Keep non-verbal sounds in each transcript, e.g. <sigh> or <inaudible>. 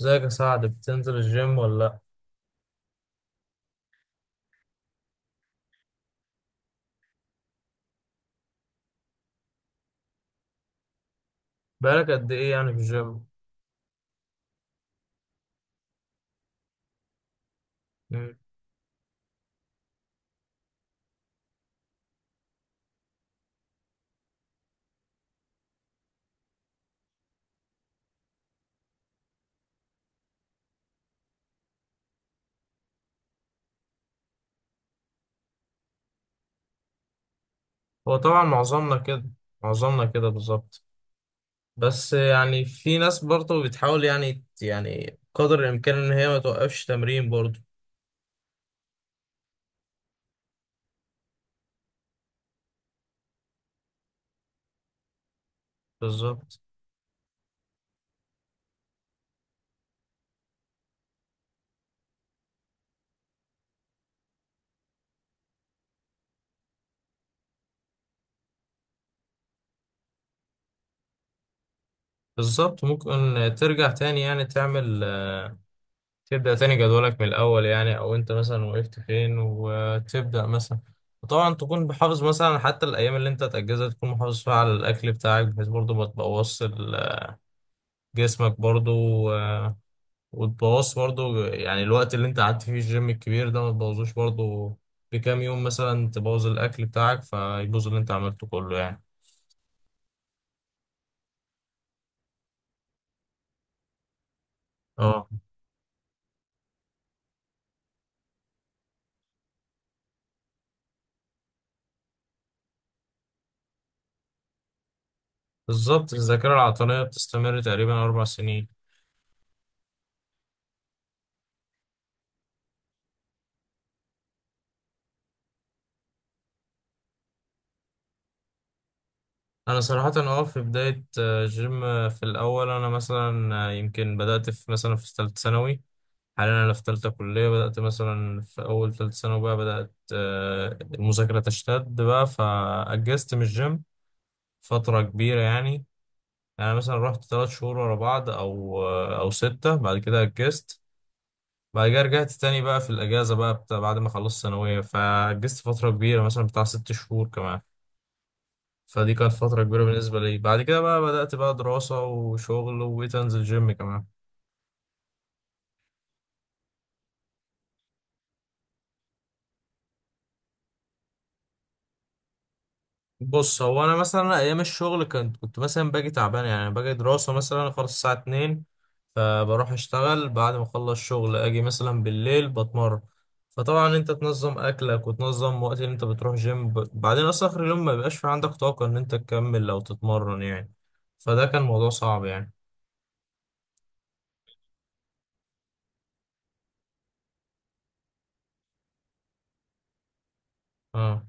ازيك يا سعد، بتنزل الجيم ولا لأ؟ بقالك قد إيه يعني في الجيم؟ مم. هو طبعا معظمنا كده، معظمنا كده بالظبط. بس يعني في ناس برضه بتحاول يعني قدر الإمكان إن هي ما توقفش تمرين برضه. بالظبط. بالظبط ممكن ترجع تاني، يعني تعمل، تبدأ تاني جدولك من الأول، يعني أو أنت مثلا وقفت فين وتبدأ مثلا. وطبعا تكون محافظ مثلا، حتى الأيام اللي أنت تأجزها تكون محافظ فيها على الأكل بتاعك، بحيث برضه ما تبوظش جسمك برضو. آه، وتبوظ برضو يعني الوقت اللي انت قعدت فيه الجيم الكبير ده ما تبوظوش برضو. بكام يوم مثلا تبوظ الاكل بتاعك فيبوظ اللي انت عملته كله يعني. اه، بالظبط. الذاكرة العضلية بتستمر تقريبا اربع سنين. انا صراحة، في بداية، جيم، في الاول انا مثلا، يمكن بدأت في مثلا في ثالثة ثانوي. حاليا انا في ثالثة كلية، بدأت مثلا في اول ثالثة ثانوي بقى بدأت، المذاكرة تشتد بقى فأجزت من الجيم فترة كبيرة يعني. يعني انا مثلا رحت ثلاث شهور ورا بعض او ستة، بعد كده اجزت. بعد كده رجعت تاني بقى في الاجازة، بقى بتاع بعد ما خلصت ثانوية، فاجزت فترة كبيرة مثلا بتاع ست شهور كمان. فدي كانت فترة كبيرة بالنسبة لي. بعد كده بقى بدأت بقى دراسة وشغل، وبقيت انزل جيم كمان. بص، هو انا مثلا ايام الشغل كنت مثلا باجي تعبان. يعني أنا باجي دراسه مثلا، خلاص الساعه 2 فبروح اشتغل، بعد ما اخلص شغل اجي مثلا بالليل بتمرن. فطبعا انت تنظم اكلك وتنظم وقت اللي انت بتروح جيم. بعدين اصلا اخر اليوم ما بيبقاش في عندك طاقه ان انت تكمل او تتمرن يعني. فده كان موضوع صعب يعني. اه.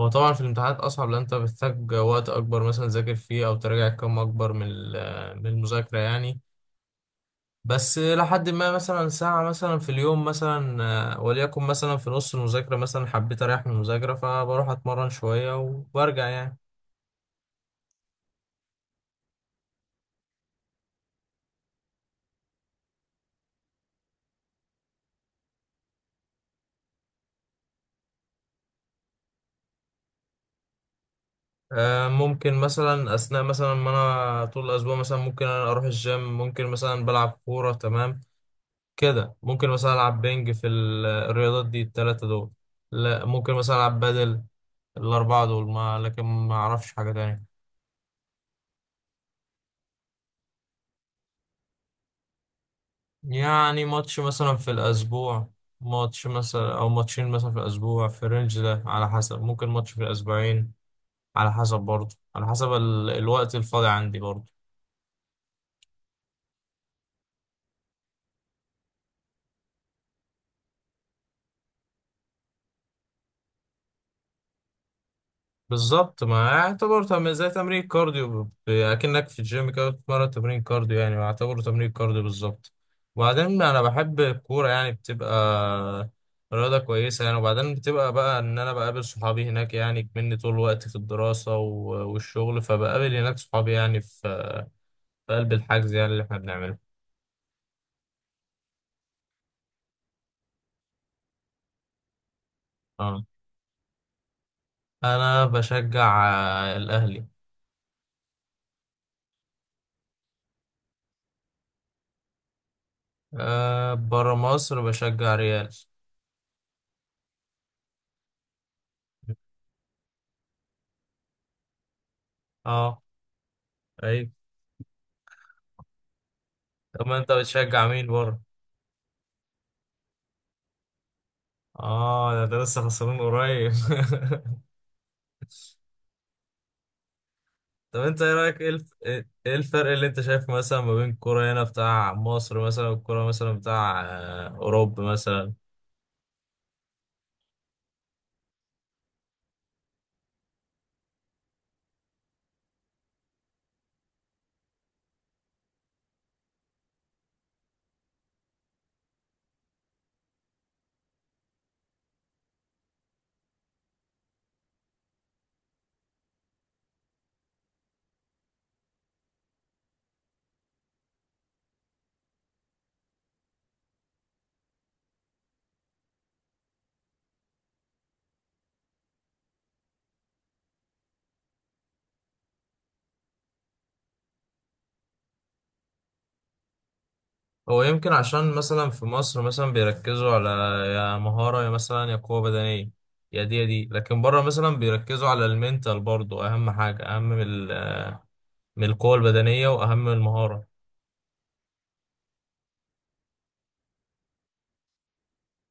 هو طبعا في الامتحانات اصعب، لان انت بتحتاج وقت اكبر مثلا تذاكر فيه او تراجع كم اكبر من المذاكره يعني. بس لحد ما مثلا ساعة مثلا في اليوم مثلا، وليكن مثلا في نص المذاكرة مثلا حبيت أريح من المذاكرة، فبروح أتمرن شوية وبرجع يعني. ممكن مثلا أثناء مثلا ما أنا طول الأسبوع مثلا، ممكن أنا أروح الجيم، ممكن مثلا بلعب كورة تمام. كده ممكن مثلا ألعب بينج في الرياضات دي التلاتة دول. لا، ممكن مثلا ألعب بدل الأربعة دول، ما لكن ما أعرفش حاجة تانية. يعني ماتش مثلا في الأسبوع. ماتش مثلا أو ماتشين مثلا في الأسبوع، في الرينج ده على حسب. ممكن ماتش في الأسبوعين، على حسب. برضه على حسب الوقت الفاضي عندي برضه. بالظبط، ما يعتبر زي تمرين كارديو، أكنك في الجيم كده بتتمرن تمرين كارديو يعني، يعتبر تمرين كارديو بالظبط. وبعدين أنا بحب الكورة، يعني بتبقى رياضة كويسة يعني. وبعدين بتبقى بقى إن أنا بقابل صحابي هناك يعني، مني طول الوقت في الدراسة والشغل، فبقابل هناك صحابي يعني، في قلب الحجز يعني اللي احنا بنعمله. اه، انا بشجع، الاهلي. أه، بره مصر بشجع ريال. اه. اي. طب ما انت بتشجع مين بره؟ اه، ده لسه خسران قريب. <laughs> طب انت ايه رايك؟ ايه الفرق اللي انت شايفه مثلا، ما بين الكوره هنا بتاع مصر مثلا والكوره مثلا بتاع، اوروبا مثلا؟ هو يمكن عشان مثلا في مصر مثلا بيركزوا على، يا مهارة، يا مثلا يا قوة بدنية، يا دي يا دي. لكن بره مثلا بيركزوا على المنتال برضو، أهم حاجة، أهم من القوة البدنية وأهم من المهارة.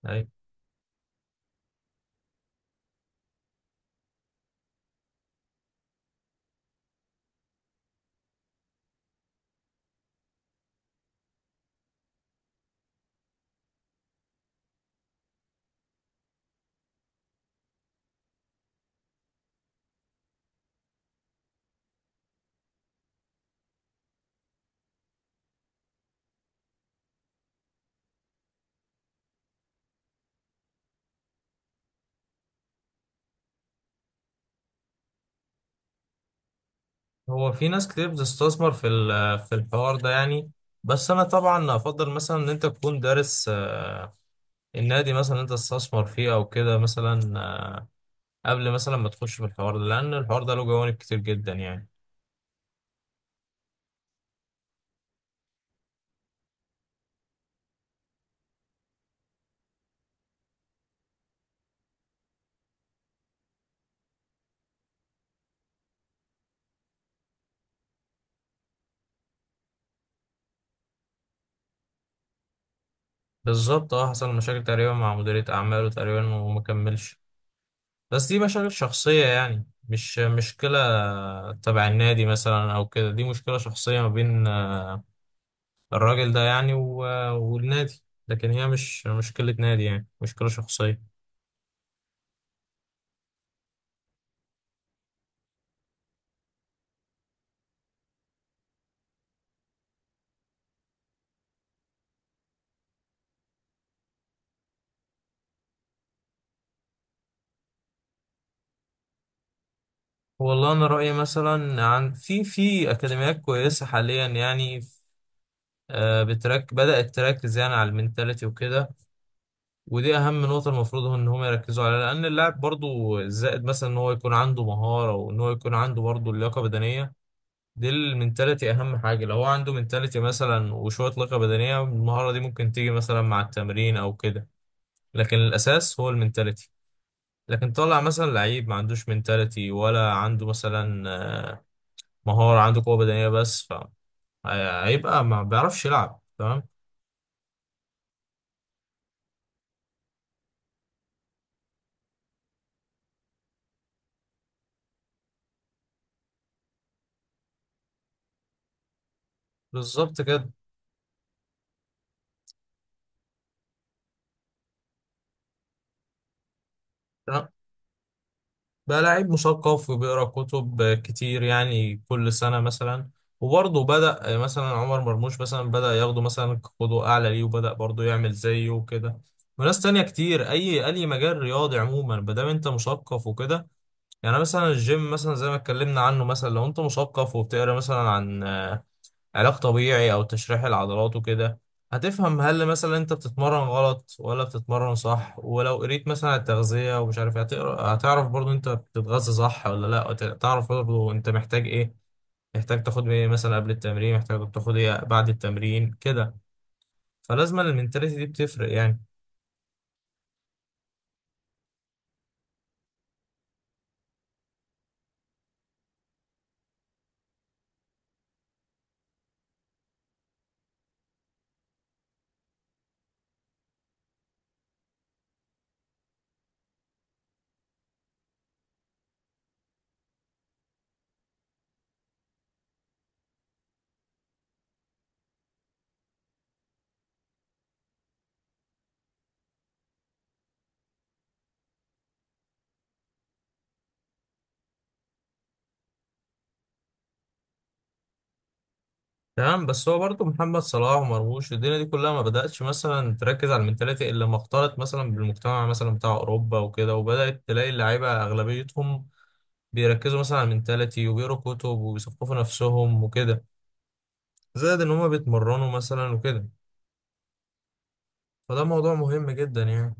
أي. هو في ناس كتير بتستثمر في الحوار ده يعني. بس أنا طبعا أفضل مثلا إن أنت تكون دارس، النادي مثلا اللي أنت تستثمر فيه أو كده مثلا، قبل مثلا ما تخش في الحوار ده، لأن الحوار ده له جوانب كتير جدا يعني. بالظبط، اه. حصل مشاكل تقريبا مع مديرية أعماله تقريبا وما كملش. بس دي مشاكل شخصية يعني، مش مشكلة تبع النادي مثلا أو كده. دي مشكلة شخصية ما بين، الراجل ده يعني، والنادي. لكن هي مش مشكلة نادي، يعني مشكلة شخصية. والله أنا رأيي مثلا، عن، في أكاديميات كويسة حاليا يعني. آه، بترك بدأت تركز يعني على المنتاليتي وكده. ودي اهم نقطه. المفروض هو ان هم يركزوا عليها، لان اللاعب برضو الزائد مثلا ان هو يكون عنده مهاره وان هو يكون عنده برضو لياقه بدنيه، دي المنتاليتي اهم حاجه. لو هو عنده منتاليتي مثلا وشويه لياقه بدنيه، المهاره دي ممكن تيجي مثلا مع التمرين او كده. لكن الاساس هو المنتاليتي. لكن طلع مثلا لعيب ما عندوش منتاليتي، ولا عنده مثلا مهاره، عنده قوه بدنيه بس، فهيبقى ما بيعرفش يلعب تمام. بالظبط كده. بقى لعيب مثقف وبيقرا كتب كتير يعني، كل سنة مثلا. وبرضه بدأ مثلا عمر مرموش مثلا بدأ ياخده مثلا قدوة أعلى ليه، وبدأ برضه يعمل زيه وكده. وناس تانية كتير. أي مجال رياضي عموما مادام أنت مثقف وكده. يعني مثلا الجيم مثلا زي ما اتكلمنا عنه مثلا، لو أنت مثقف وبتقرا مثلا عن علاج طبيعي او تشريح العضلات وكده، هتفهم هل مثلا انت بتتمرن غلط ولا بتتمرن صح. ولو قريت مثلا على التغذية ومش عارف إيه، هتقرا هتعرف برضو انت بتتغذى صح ولا لا، وت- تعرف برضو انت محتاج ايه، محتاج تاخد ايه مثلا قبل التمرين، محتاج تاخد ايه بعد التمرين كده. فلازم المنتاليتي دي بتفرق يعني. تمام، بس هو برضو محمد صلاح ومرموش، الدنيا دي كلها ما بدأتش مثلا تركز على المنتاليتي الا لما اختلط مثلا بالمجتمع مثلا بتاع اوروبا وكده، وبدأت تلاقي اللعيبة اغلبيتهم بيركزوا مثلا على المنتاليتي وبيقروا كتب وبيثقفوا نفسهم وكده، زائد ان هما بيتمرنوا مثلا وكده. فده موضوع مهم جدا يعني.